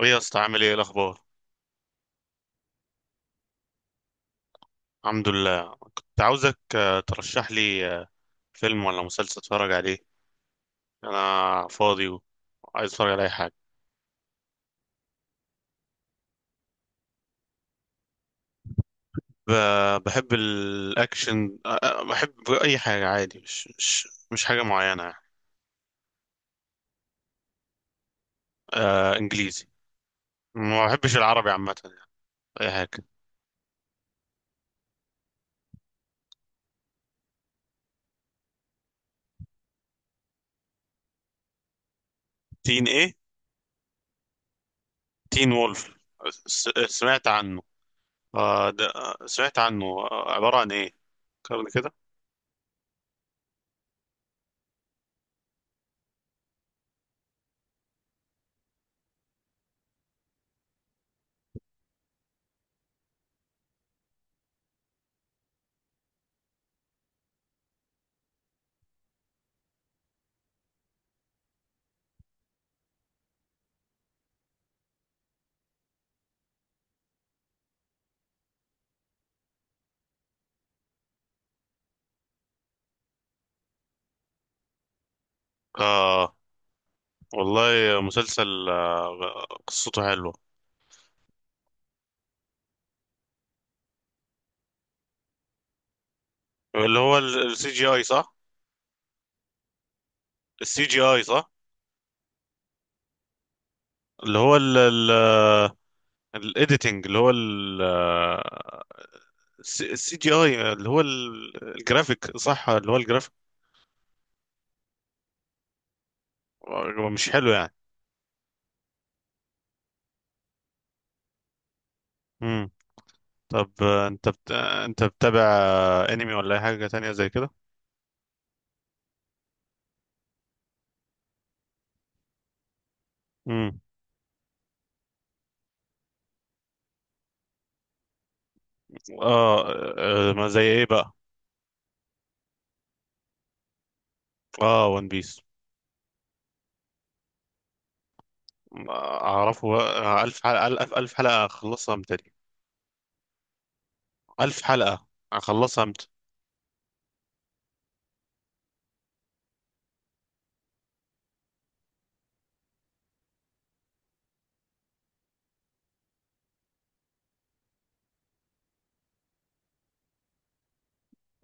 ايه يا اسطى، عامل ايه؟ إيه الاخبار؟ الحمد لله. كنت عاوزك ترشح لي فيلم ولا مسلسل اتفرج عليه. انا فاضي وعايز اتفرج على اي حاجه. بحب الاكشن، بحب اي حاجه عادي، مش حاجه معينه يعني. آه، انجليزي. ما بحبش العربي عامه يعني. اي حاجه. تين ايه؟ تين وولف. سمعت عنه. آه، ده سمعت عنه، عباره عن ايه كده كده؟ اه، والله مسلسل قصته حلوة. اللي هو السي جي اي، صح؟ السي جي اي، صح. اللي هو الايديتنج، اللي هو السي جي اي، اللي هو الجرافيك، صح، اللي هو الجرافيك. هو مش حلو يعني. امم، طب انت بتتابع انمي ولا اي حاجة تانية زي كده؟ امم، اه، ما زي ايه بقى؟ اه، ون بيس اعرفه. الف حلقة، الف حلقة، اخلصها متى دي؟ الف حلقة اخلصها.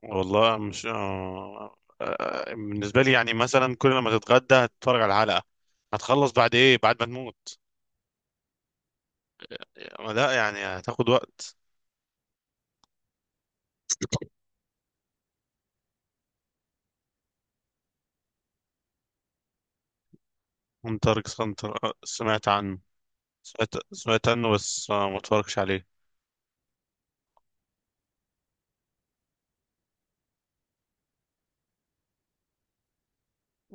والله، مش آه... آه، بالنسبة لي يعني، مثلا كل لما تتغدى هتتفرج على الحلقة، هتخلص بعد ايه؟ بعد ما تموت. ما لا، يعني هتاخد وقت. هنتر اكس هنتر، سمعت عنه. سمعت عنه بس ما اتفرجش عليه.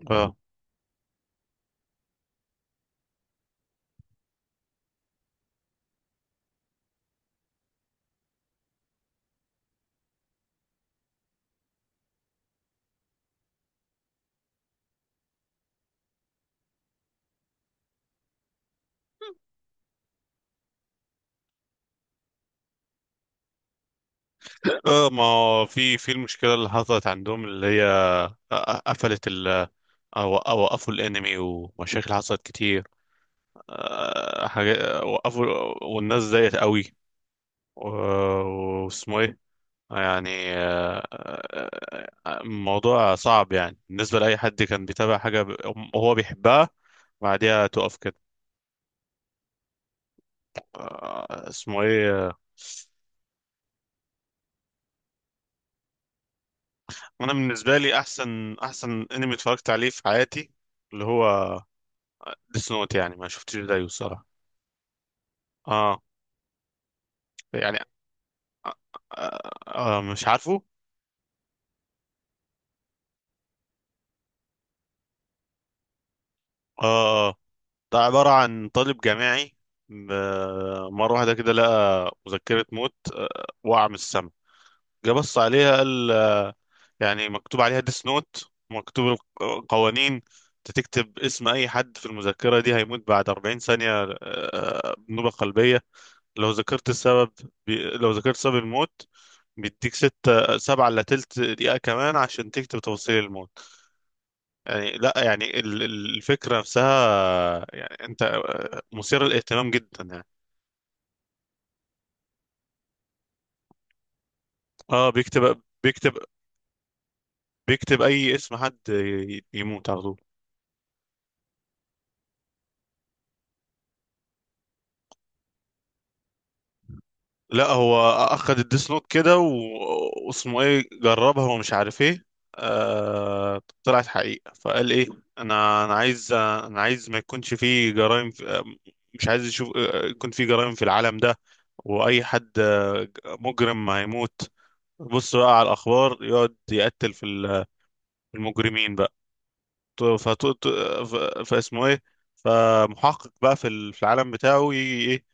اه، ما هو في المشكلة اللي حصلت عندهم، اللي هي قفلت ال، وقفوا الانمي، ومشاكل حصلت كتير. حاجة، وقفوا. والناس زيت قوي. و- واسمه ايه، يعني الموضوع صعب يعني بالنسبة لأي حد كان بيتابع حاجة هو بيحبها، بعديها تقف كده. اسمه ايه انا؟ بالنسبة لي، احسن انمي اتفرجت عليه في حياتي اللي هو ديس نوت. يعني ما شفتش زيه الصراحة. اه. يعني آه مش عارفه. اه، آه. ده عبارة عن طالب جامعي، ب- مرة واحدة كده لقى مذكرة موت، وقع من السما. جه بص عليها قال يعني مكتوب عليها ديس نوت، مكتوب القوانين، انت تكتب اسم اي حد في المذكرة دي هيموت بعد 40 ثانية بنوبة قلبية لو ذكرت السبب. لو ذكرت سبب الموت، بيديك ستة سبعة إلا تلت دقيقة كمان عشان تكتب تفاصيل الموت. يعني لا، يعني الفكرة نفسها، يعني انت مثير للاهتمام جدا يعني. اه، بيكتب اي اسم حد يموت على طول. لا، هو اخد الديس نوت كده، و- واسمه ايه، جربها ومش عارف ايه. طلعت حقيقة، فقال ايه، انا عايز ما يكونش فيه جرائم في... آه، مش عايز يشوف يكون فيه جرائم في العالم ده. واي حد مجرم هيموت. بص بقى على الاخبار، يقعد يقتل في في المجرمين بقى. فاسمه ايه، فمحقق بقى في في العالم بتاعه، يجي ايه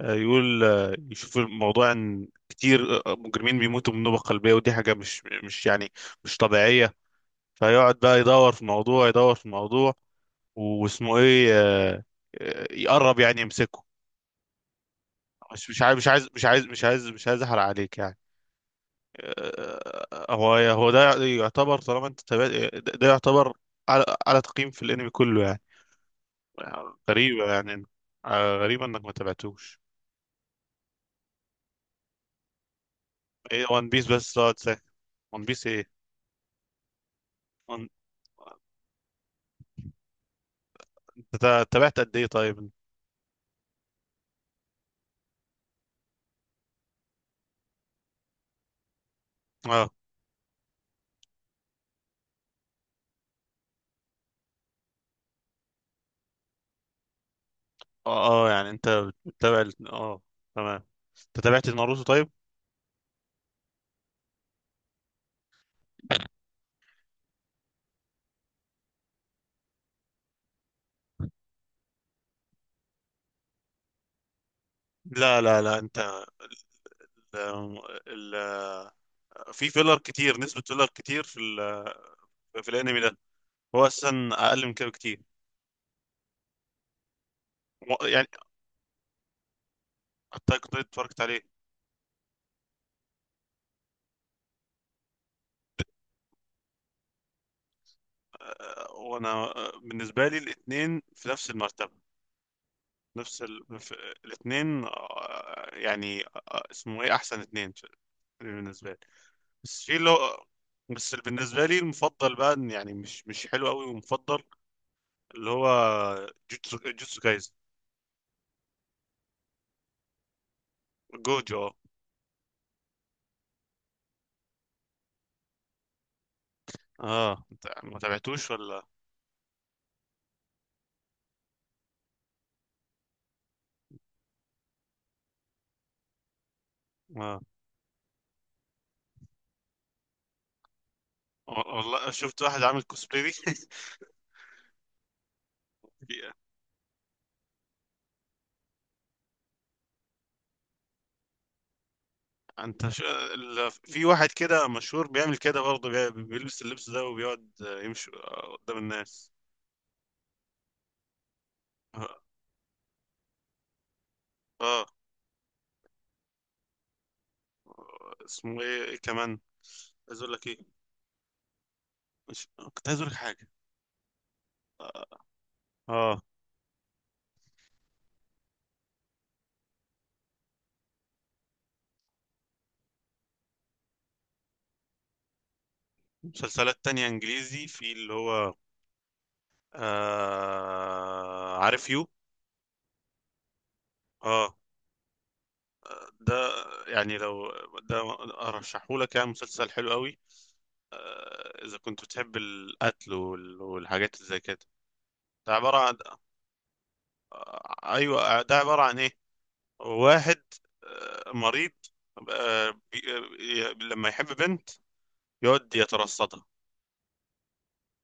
يقول يشوف الموضوع ان كتير مجرمين بيموتوا من نوبة قلبية، ودي حاجة مش يعني مش طبيعية. فيقعد بقى يدور في الموضوع، يدور في الموضوع. واسمه ايه يقرب يعني يمسكه. مش مش عايز مش عايز مش عايز مش عايز مش عايز احرق عليك يعني. هو ده يعتبر، طالما انت تابعت، ده ده يعتبر على على تقييم في الانمي كله يعني. غريبة يعني، غريبة انك ما تابعتوش. ايه وان بيس؟ بس تقعد ساكت. وان بيس ايه؟ انت تابعت قد ايه طيب؟ اه، اه، يعني انت بتتابع اه، تمام. انت تابعت ناروتو طيب؟ لا، انت ال... ال... في فيلر كتير، نسبة فيلر كتير في في الانمي ده. هو اساسا اقل من كده بكتير. و- يعني حتى كنت اتفرجت عليه. وانا بالنسبة لي الاتنين في نفس المرتبة، نفس الاتنين يعني اسمه ايه، احسن اتنين بالنسبة لي. بس في اللي هو، بس اللي بالنسبة لي المفضل بقى إن، يعني مش حلو قوي ومفضل اللي هو، جوتسو كايز. جوجو، اه. اه، انت ما تابعتوش ولا؟ اه والله، شفت واحد عامل كوسبلاي في- انت ش... في واحد كده مشهور بيعمل كده برضه، بيلبس اللبس ده وبيقعد يمشي قدام الناس. اه، آه. اسمه ايه, إيه كمان عايز اقول لك؟ ايه مش... كنت عايز اقول لك حاجة. اه، مسلسلات تانية انجليزي، في اللي هو، آه، عارف يو؟ اه، ده يعني لو ده ارشحهولك، يعني مسلسل حلو قوي آه، اذا كنت بتحب القتل والحاجات اللي زي كده. ده عبارة عن آه، ايوه، ده عبارة عن ايه، واحد آه مريض، آه بي... لما يحب بنت يقعد يترصدها،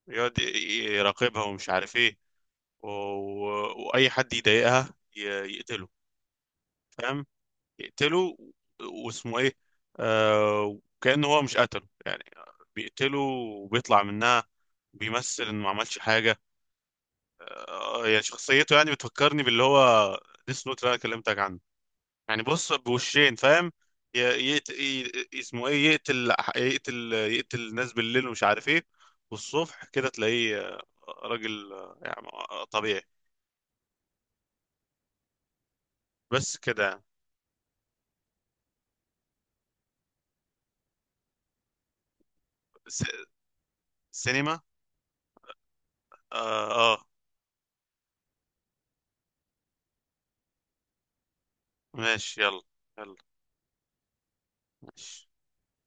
يقعد يراقبها ومش عارف ايه، و... واي حد يضايقها يقتله. فاهم؟ يقتله. واسمه ايه، آه، وكأنه هو مش قتله يعني، بيقتله وبيطلع منها، بيمثل انه ما عملش حاجة. آه، يعني شخصيته يعني بتفكرني باللي هو ديس نوت اللي انا كلمتك عنه. يعني بص، بوشين، فاهم؟ اسمه ايه، يقتل الناس بالليل ومش عارف ايه، والصبح كده تلاقيه راجل يعني طبيعي. بس كده يعني. س- سينما. اه, آه. ماشي، يلا. يلا. ماشي.